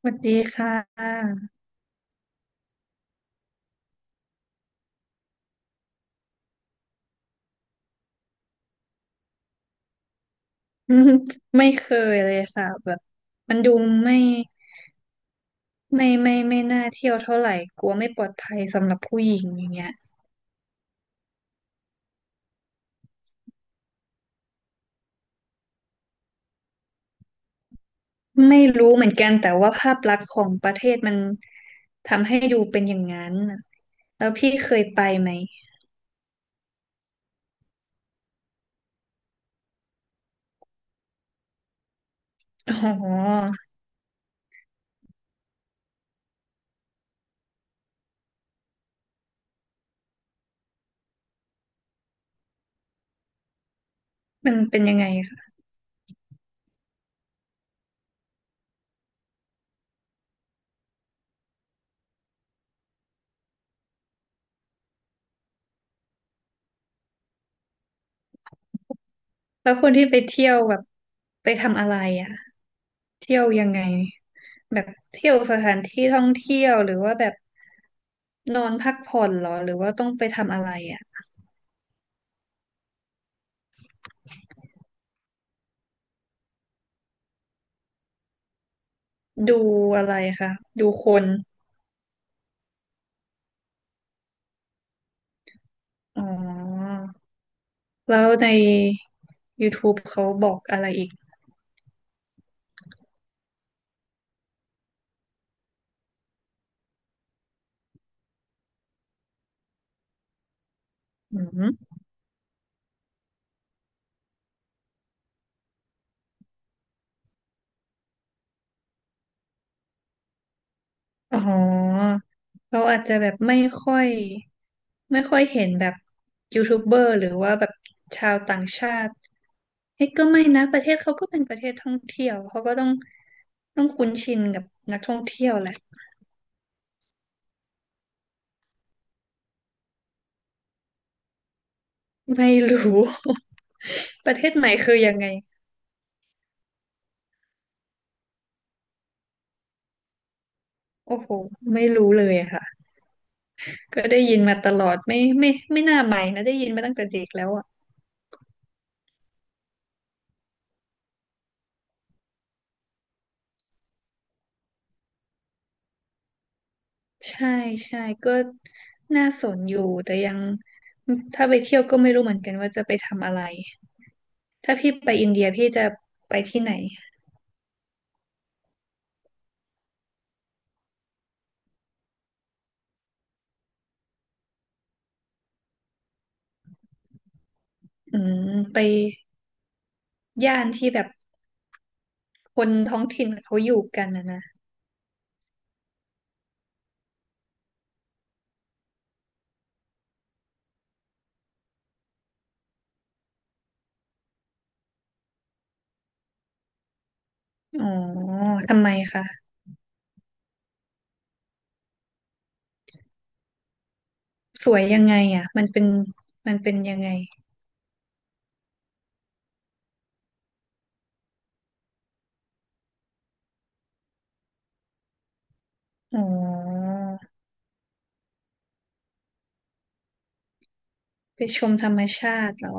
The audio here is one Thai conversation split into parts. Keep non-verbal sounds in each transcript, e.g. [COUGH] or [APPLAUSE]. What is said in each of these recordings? สวัสดีค่ะ [LAUGHS] ไม่เคยเลยค่ะแบบมันดูไม่ไม่น่าเที่ยวเท่าไหร่กลัวไม่ปลอดภัยสำหรับผู้หญิงอย่างเงี้ยไม่รู้เหมือนกันแต่ว่าภาพลักษณ์ของประเทศมันทำให้ดูเป็นอย่างนั้นน่ะแล้วพี่เคยไปไหมอ๋อมันเป็นยังไงคะแล้วคนที่ไปเที่ยวแบบไปทำอะไรอ่ะ เที่ยวยังไงแบบเที่ยวสถานที่ท่องเที่ยวหรือว่าแบบนอนพักผ่อนเหรอหรือว่าต้องไปทำอะไรอ่ะดูอะไรคะดูคนอ๋อแล้วใน YouTube เขาบอกอะไรอีกอืม อ๋อเราอาจจะแบบค่อยไม่ค่อยเห็นแบบยูทูบเบอร์หรือว่าแบบชาวต่างชาติเฮ้ยก็ไม่นะประเทศเขาก็เป็นประเทศท่องเที่ยวเขาก็ต้องคุ้นชินกับนักท่องเที่ยวแหละไม่รู้ [LAUGHS] ประเทศใหม่คือยังไงโอ้โหไม่รู้เลยอะค่ะก็ได้ยินมาตลอดไม่น่าใหม่นะได้ยินมาตั้งแต่เด็กแล้วอะใช่ใช่ก็น่าสนอยู่แต่ยังถ้าไปเที่ยวก็ไม่รู้เหมือนกันว่าจะไปทำอะไร ถ้าพี่ไปอินเดียพี่จะไปที่ไหนอืมไปย่านที่แบบคนท้องถิ่นเขาอยู่กันนะนะอ๋อทำไมคะ สวยยังไงอ่ะมันเป็นยังไงอ๋อไปชมธรรมชาติเหรอ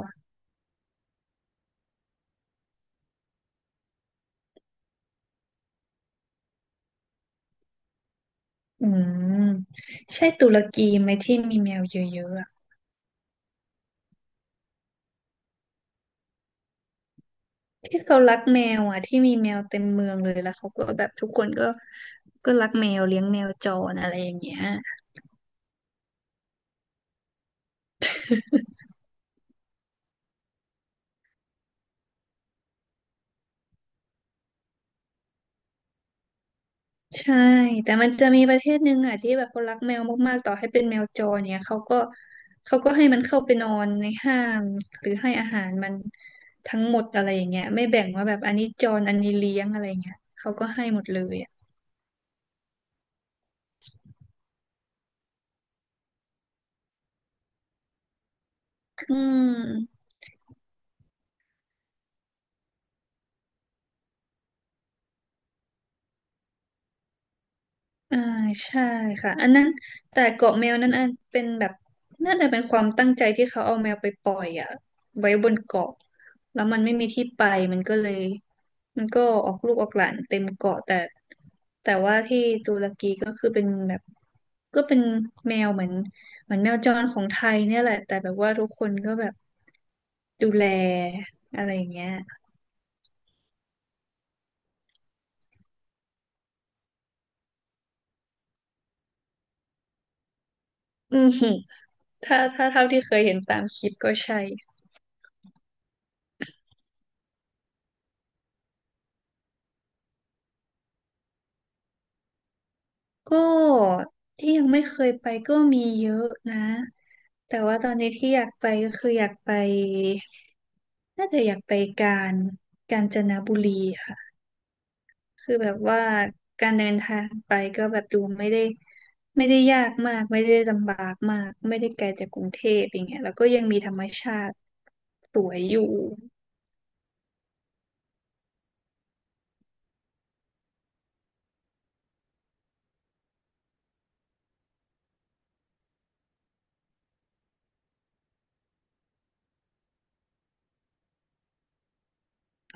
อืมใช่ตุรกีไหมที่มีแมวเยอะๆอะที่เขารักแมวอ่ะที่มีแมวเต็มเมืองเลยแล้วเขาก็แบบทุกคนก็รักแมวเลี้ยงแมวจรอะไรอย่างเงี้ย ใช่แต่มันจะมีประเทศหนึ่งอ่ะที่แบบเขารักแมวมากๆต่อให้เป็นแมวจรเนี่ยเขาก็ให้มันเข้าไปนอนในห้างหรือให้อาหารมันทั้งหมดอะไรอย่างเงี้ยไม่แบ่งว่าแบบอันนี้จรอันนี้เลี้ยงอะไรอย่างเงี้ยเขาก็ให้หมดเลยอ่ะอืม อ่าใช่ค่ะอันนั้นแต่เกาะแมวนั้นอันเป็นแบบน่าจะเป็นความตั้งใจที่เขาเอาแมวไปปล่อยอ่ะไว้บนเกาะแล้วมันไม่มีที่ไปมันก็เลยมันก็ออกลูกออกหลานเต็มเกาะแต่ว่าที่ตุรกีก็คือเป็นแบบก็เป็นแมวเหมือนแมวจรของไทยเนี่ยแหละแต่แบบว่าทุกคนก็แบบดูแลอะไรอย่างเงี้ยอืมถ้าเท่าที่เคยเห็นตามคลิปก็ใช่ ก็ที่ยังไม่เคยไปก็มีเยอะนะแต่ว่าตอนนี้ที่อยากไปก็คืออยากไปน่าจะอยากไปกาญกาญจนบุรีค่ะคือแบบว่าการเดินทางไปก็แบบดูไม่ได้ไม่ได้ยากมากไม่ได้ลำบากมากไม่ได้ไกลจากกรุงเทพอย่างเงี้ยแล้วก็ยังมีธรรมชาติสวยอยู่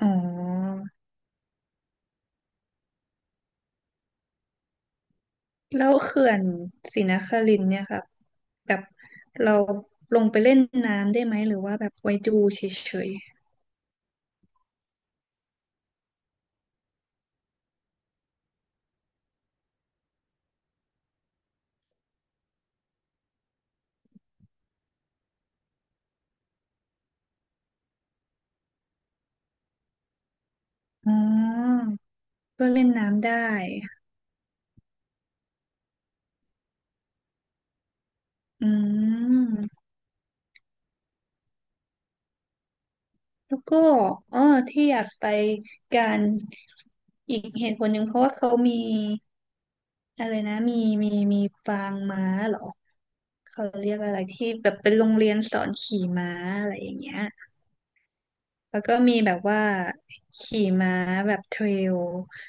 อ๋อ แล้วเขื่อนศรีนครินทร์เนี่ยค่ะแบบเราลงไปเล่นน้ำได้ไหมหรือว่าแบบไว้ดูเฉยๆอ๋อก็เล่นน้ำได้อืมแล้วก็อ๋อที่อยากไปการอีกเหตุผลหนึ่งเพราะว่าเขามีอะไรนะมีมีปางม้าเหรอเขาเรียกอะไรที่แบบเป็นโรงเรียนสอนขี่ม้าอะไรอย่างเงี้ย แล้วก็มีแบบว่าขี่ม้าแบบเทรล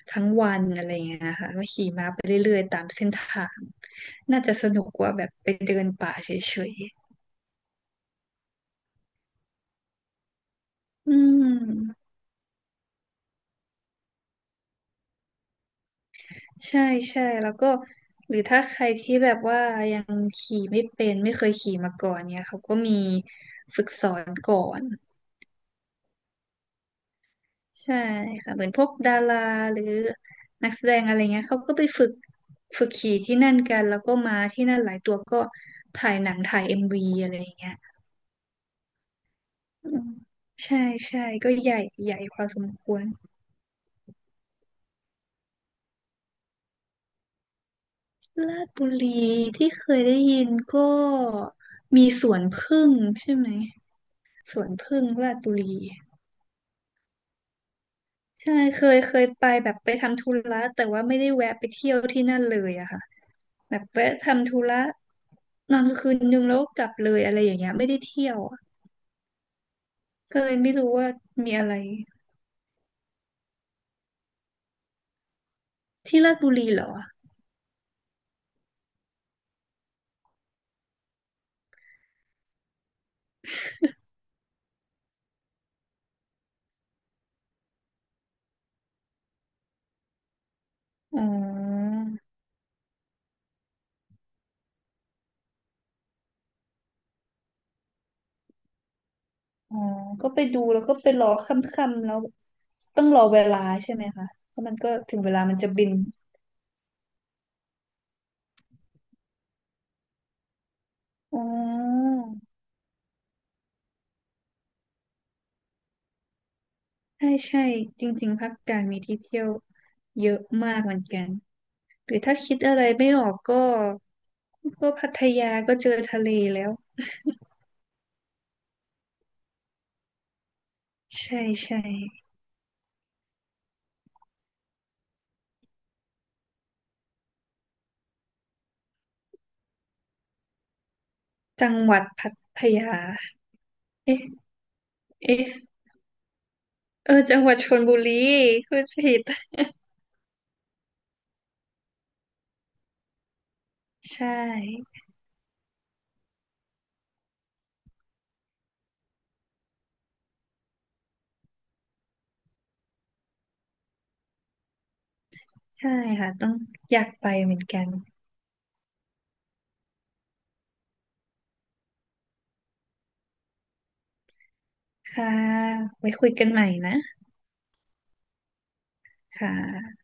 ทั้งวันอะไรอย่างเงี้ยค่ะก็ขี่ม้าไปเรื่อยๆตามเส้นทางน่าจะสนุกกว่าแบบไปเดินป่าเฉยๆอืมใช่ใช่แล้วก็หรือถ้าใครที่แบบว่ายังขี่ไม่เป็นไม่เคยขี่มาก่อนเนี่ยเขาก็มีฝึกสอนก่อน ใช่ค่ะเหมือนพวกดาราหรือนักแสดงอะไรเงี้ยเขาก็ไปฝึกขี่ที่นั่นกันแล้วก็มาที่นั่นหลายตัวก็ถ่ายหนังถ่ายเอ็มวีอะไรอย่างเงี้ยอืมใช่ใช่ก็ใหญ่พอสมควรลาดบุรีที่เคยได้ยินก็มีสวนผึ้งใช่ไหมสวนผึ้งลาดบุรีใช่เคยไปแบบไปทำธุระแต่ว่าไม่ได้แวะไปเที่ยวที่นั่นเลยอะค่ะ แบบแวะทำธุระนอนคืนนึงแล้วกลับเลยอะไรอย่างเงี้ยไม่ได้เที่ยวอะก็เลยไม่รู้ว่ามีอะไรที่ลาดบุรีเหรออ๋ออ๋อก็ไปดูแล้วก็ไปรอค่ำๆแล้วต้องรอเวลาใช่ไหมคะเพราะมันก็ถึงเวลามันจะบินอ๋อใช่ใช่จริงๆภาคกลางมีที่เที่ยวเยอะมากเหมือนกันหรือถ้าคิดอะไรไม่ออกก็พัทยาก็เจอทะเลแล้วใช่ใช่จังหวัดพัทยา เอ๊ะเอ๊ะเออจังหวัดชลบุรีพูดผิดใช่ใช่ค่ะต้องอยากไปเหมือนกันค่ะไว้คุยกันใหม่นะค่ะ